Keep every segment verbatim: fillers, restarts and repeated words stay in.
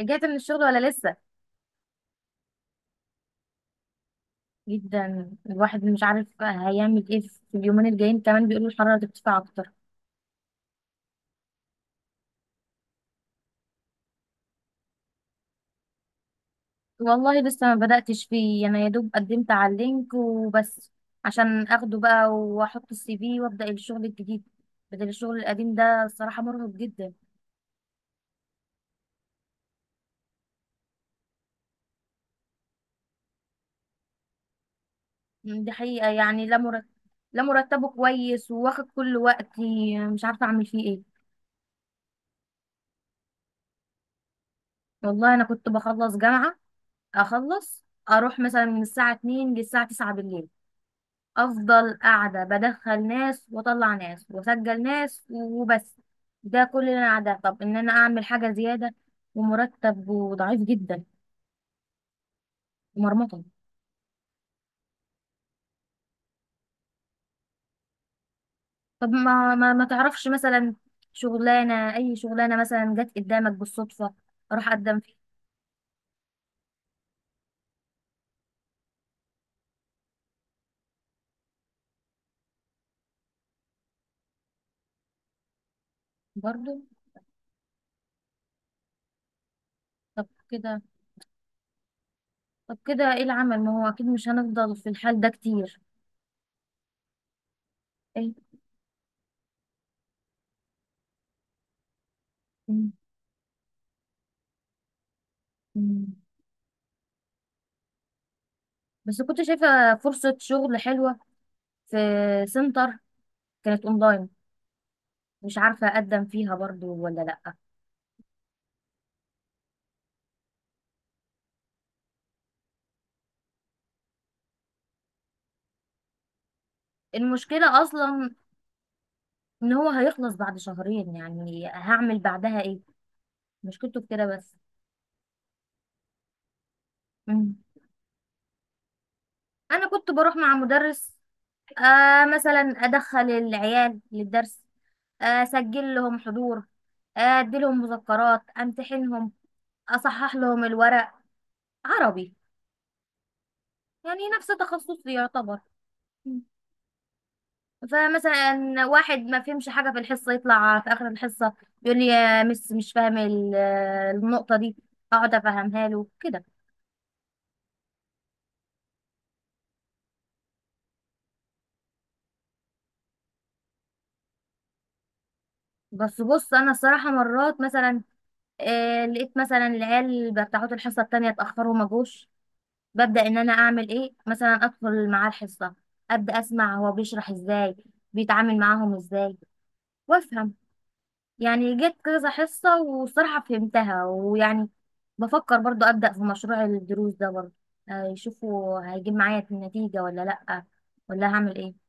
رجعت من الشغل ولا لسه؟ جدا، الواحد مش عارف هيعمل ايه في اليومين الجايين، كمان بيقولوا الحرارة ترتفع اكتر. والله لسه ما بدأتش فيه، انا يا دوب قدمت على اللينك وبس، عشان اخده بقى واحط السي في وابدأ الشغل الجديد بدل الشغل القديم ده. الصراحة مرهق جدا. دي حقيقة يعني، لا مرتب. لا مرتبه كويس وواخد كل وقتي، مش عارفة اعمل فيه ايه. والله انا كنت بخلص جامعة، اخلص اروح مثلا من الساعة اتنين للساعة تسعة بالليل. افضل قاعده بدخل ناس واطلع ناس واسجل ناس وبس. ده كل اللي انا قاعده. طب ان انا اعمل حاجه زياده؟ ومرتب وضعيف جدا، ومرمطه. طب ما ما, ما تعرفش مثلا شغلانه، اي شغلانه مثلا جت قدامك بالصدفه، اروح اقدم فيها. برضه. طب كده، طب كده ايه العمل؟ ما هو اكيد مش هنفضل في الحال ده كتير. ايه. م- م. بس كنت شايفه فرصه شغل حلوه في سنتر، كانت اونلاين، مش عارفة أقدم فيها برضو ولا لأ. المشكلة أصلا إن هو هيخلص بعد شهرين، يعني هعمل بعدها إيه؟ مشكلته في كده بس. مم. أنا كنت بروح مع مدرس، آه مثلا أدخل العيال للدرس، آه، أسجل لهم حضور، أديلهم مذكرات، أمتحنهم، أصحح لهم الورق. عربي، يعني نفس تخصصي يعتبر. فمثلا واحد ما فهمش حاجة في الحصة يطلع في آخر الحصة يقول لي يا مس مش فاهم ال- آه، النقطة دي، أقعد أفهمها له كده. بس بص أنا الصراحة مرات مثلا آه، لقيت مثلا العيال بتاعت الحصة التانية اتأخروا ما جوش، ببدأ إن أنا أعمل إيه، مثلا أدخل معاه الحصة، أبدأ أسمع هو بيشرح إزاي، بيتعامل معاهم إزاي، وأفهم. يعني جت كذا حصة وصراحة فهمتها، ويعني بفكر برضو أبدأ في مشروع الدروس ده برضو، آه، يشوفوا هيجيب معايا النتيجة ولا لأ، ولا هعمل ايه.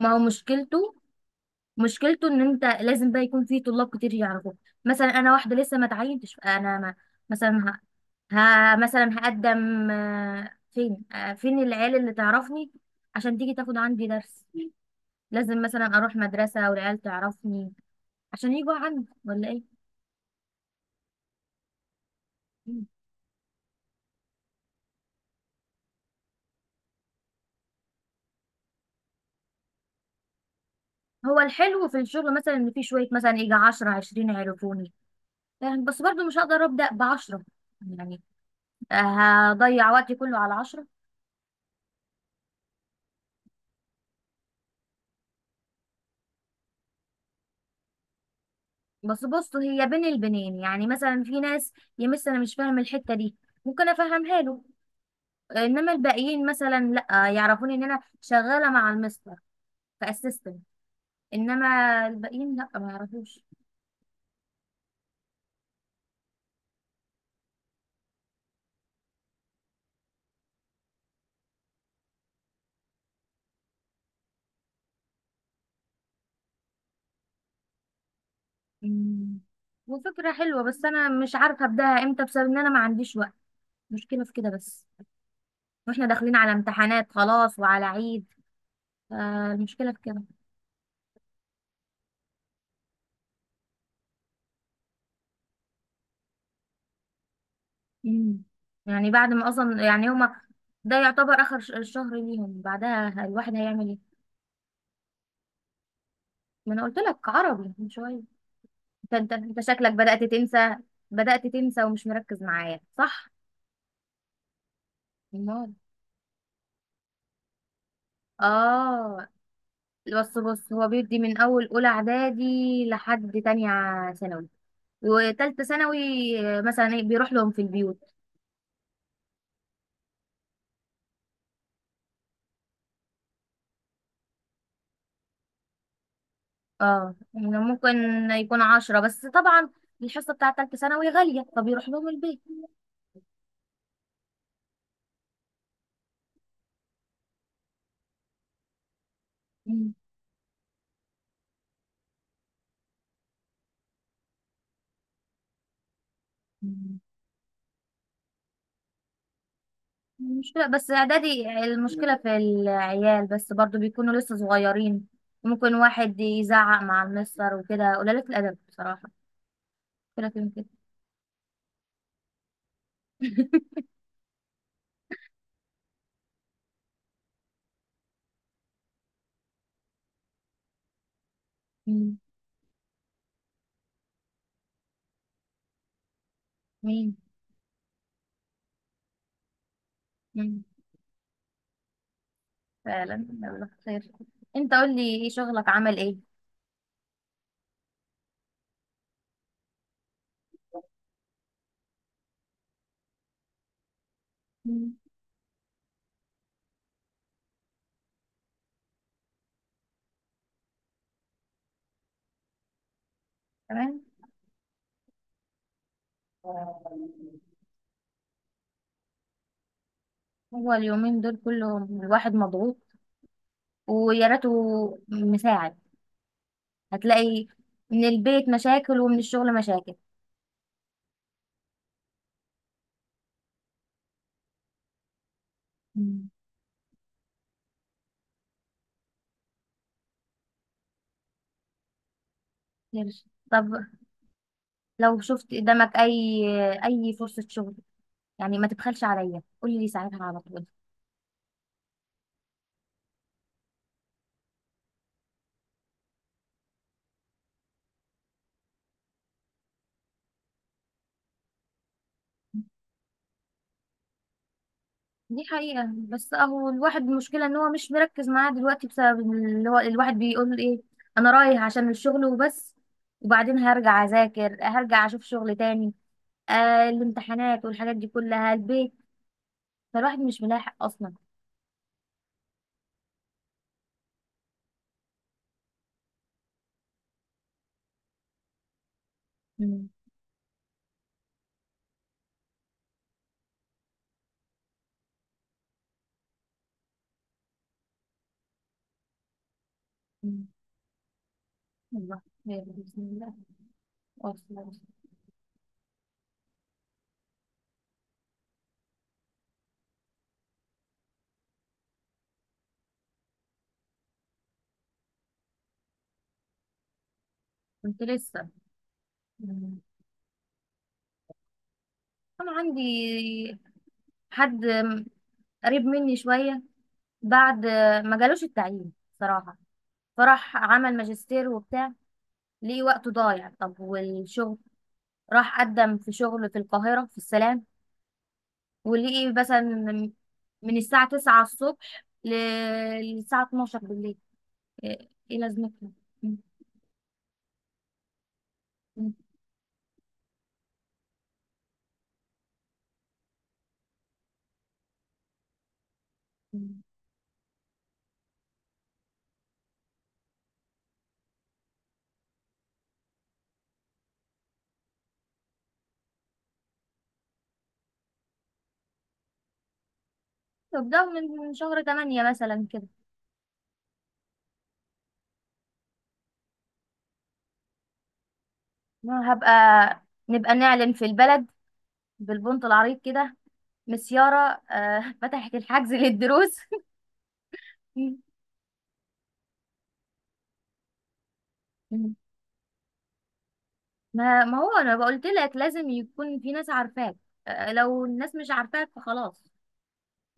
ما هو مشكلته، مشكلته ان انت لازم بقى يكون في طلاب كتير يعرفوك. مثلا انا واحدة لسه ما اتعينتش، انا ما مثلا ه... ه... مثلا هقدم آه، فين، آه، فين العيال اللي تعرفني عشان تيجي تاخد عندي درس؟ لازم مثلا اروح مدرسة والعيال تعرفني عشان يجوا عندي ولا ايه. هو الحلو في الشغل مثلا ان في شويه مثلا يجي عشرة عشرين يعرفوني. فاهم؟ بس برضو مش هقدر ابدا ب بعشرة يعني، آه، هضيع وقتي كله على عشرة. بس بص هي بين البنين، يعني مثلا في ناس يا مس انا مش فاهم الحته دي، ممكن افهمها له. انما الباقيين مثلا لا يعرفوني ان انا شغاله مع المستر كاسيستنت. انما الباقيين لا ما يعرفوش. أمم. وفكره حلوه، بس انا مش عارفه ابداها امتى بسبب ان انا ما عنديش وقت، مشكله في كده بس. واحنا داخلين على امتحانات خلاص وعلى عيد. فالمشكلة في كده. مم. يعني بعد ما اصلا يعني هما، ده يعتبر اخر ش- شهر ليهم، بعدها الواحد هيعمل ايه؟ ما انا قلت لك عربي من شوية. انت انت انت شكلك بدأت تنسى، بدأت تنسى ومش مركز معايا صح. امال. اه. بص بص، هو بيدي من اول اولى اعدادي لحد تانية ثانوي وتالتة ثانوي. آه، مثلا إيه، بيروح لهم في البيوت. اه يعني ممكن يكون عشرة بس طبعا. الحصة بتاعة تالتة ثانوي غالية فبيروح لهم البيت. مم. مم. المشكلة بس إعدادي، المشكلة في العيال، بس برضو بيكونوا لسه صغيرين، ممكن واحد يزعق مع المستر وكده، قليلة الأدب بصراحة. كده كده كده. مم. مم. مم. فعلا. يلا خير، انت قول لي ايه شغلك عمل ايه. مم. تمام. هو اليومين دول كلهم الواحد مضغوط، ويا ريته مساعد. هتلاقي من البيت مشاكل ومن الشغل مشاكل. مم. غير- طب لو شفت قدامك اي، اي فرصة شغل، يعني ما تبخلش عليا قولي لي ساعتها على طول. دي حقيقة، بس اهو الواحد المشكلة ان هو مش مركز معاه دلوقتي بسبب اللي هو الواحد بيقول ايه، انا رايح عشان الشغل وبس، وبعدين هرجع اذاكر، هرجع اشوف شغل تاني. آه الامتحانات والحاجات دي كلها، البيت، فالواحد مش ملاحق اصلا. مم. مم. والله بسم الله. واصلة- واصلة. كنت لسه. مم. انا عندي حد قريب مني شويه، بعد ما جالوش التعيين صراحه، فراح عمل ماجستير وبتاع، لقي وقته ضايع. طب والشغل، راح قدم في شغل في القاهره في السلام، ولقي مثلا من الساعه تسعة الصبح ل- للساعه اتناشر بالليل، ايه إيه لازمتها. مم. مم. مم. طب ده من شهر ثمانية مثلا كده، هبقى نبقى نعلن في البلد بالبنط العريض كده، مس يارا آه، فتحت الحجز للدروس ما ما هو انا قلت لك لازم يكون في ناس عارفاك، آه، لو الناس مش عارفاك فخلاص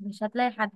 مش هتلاقي حد.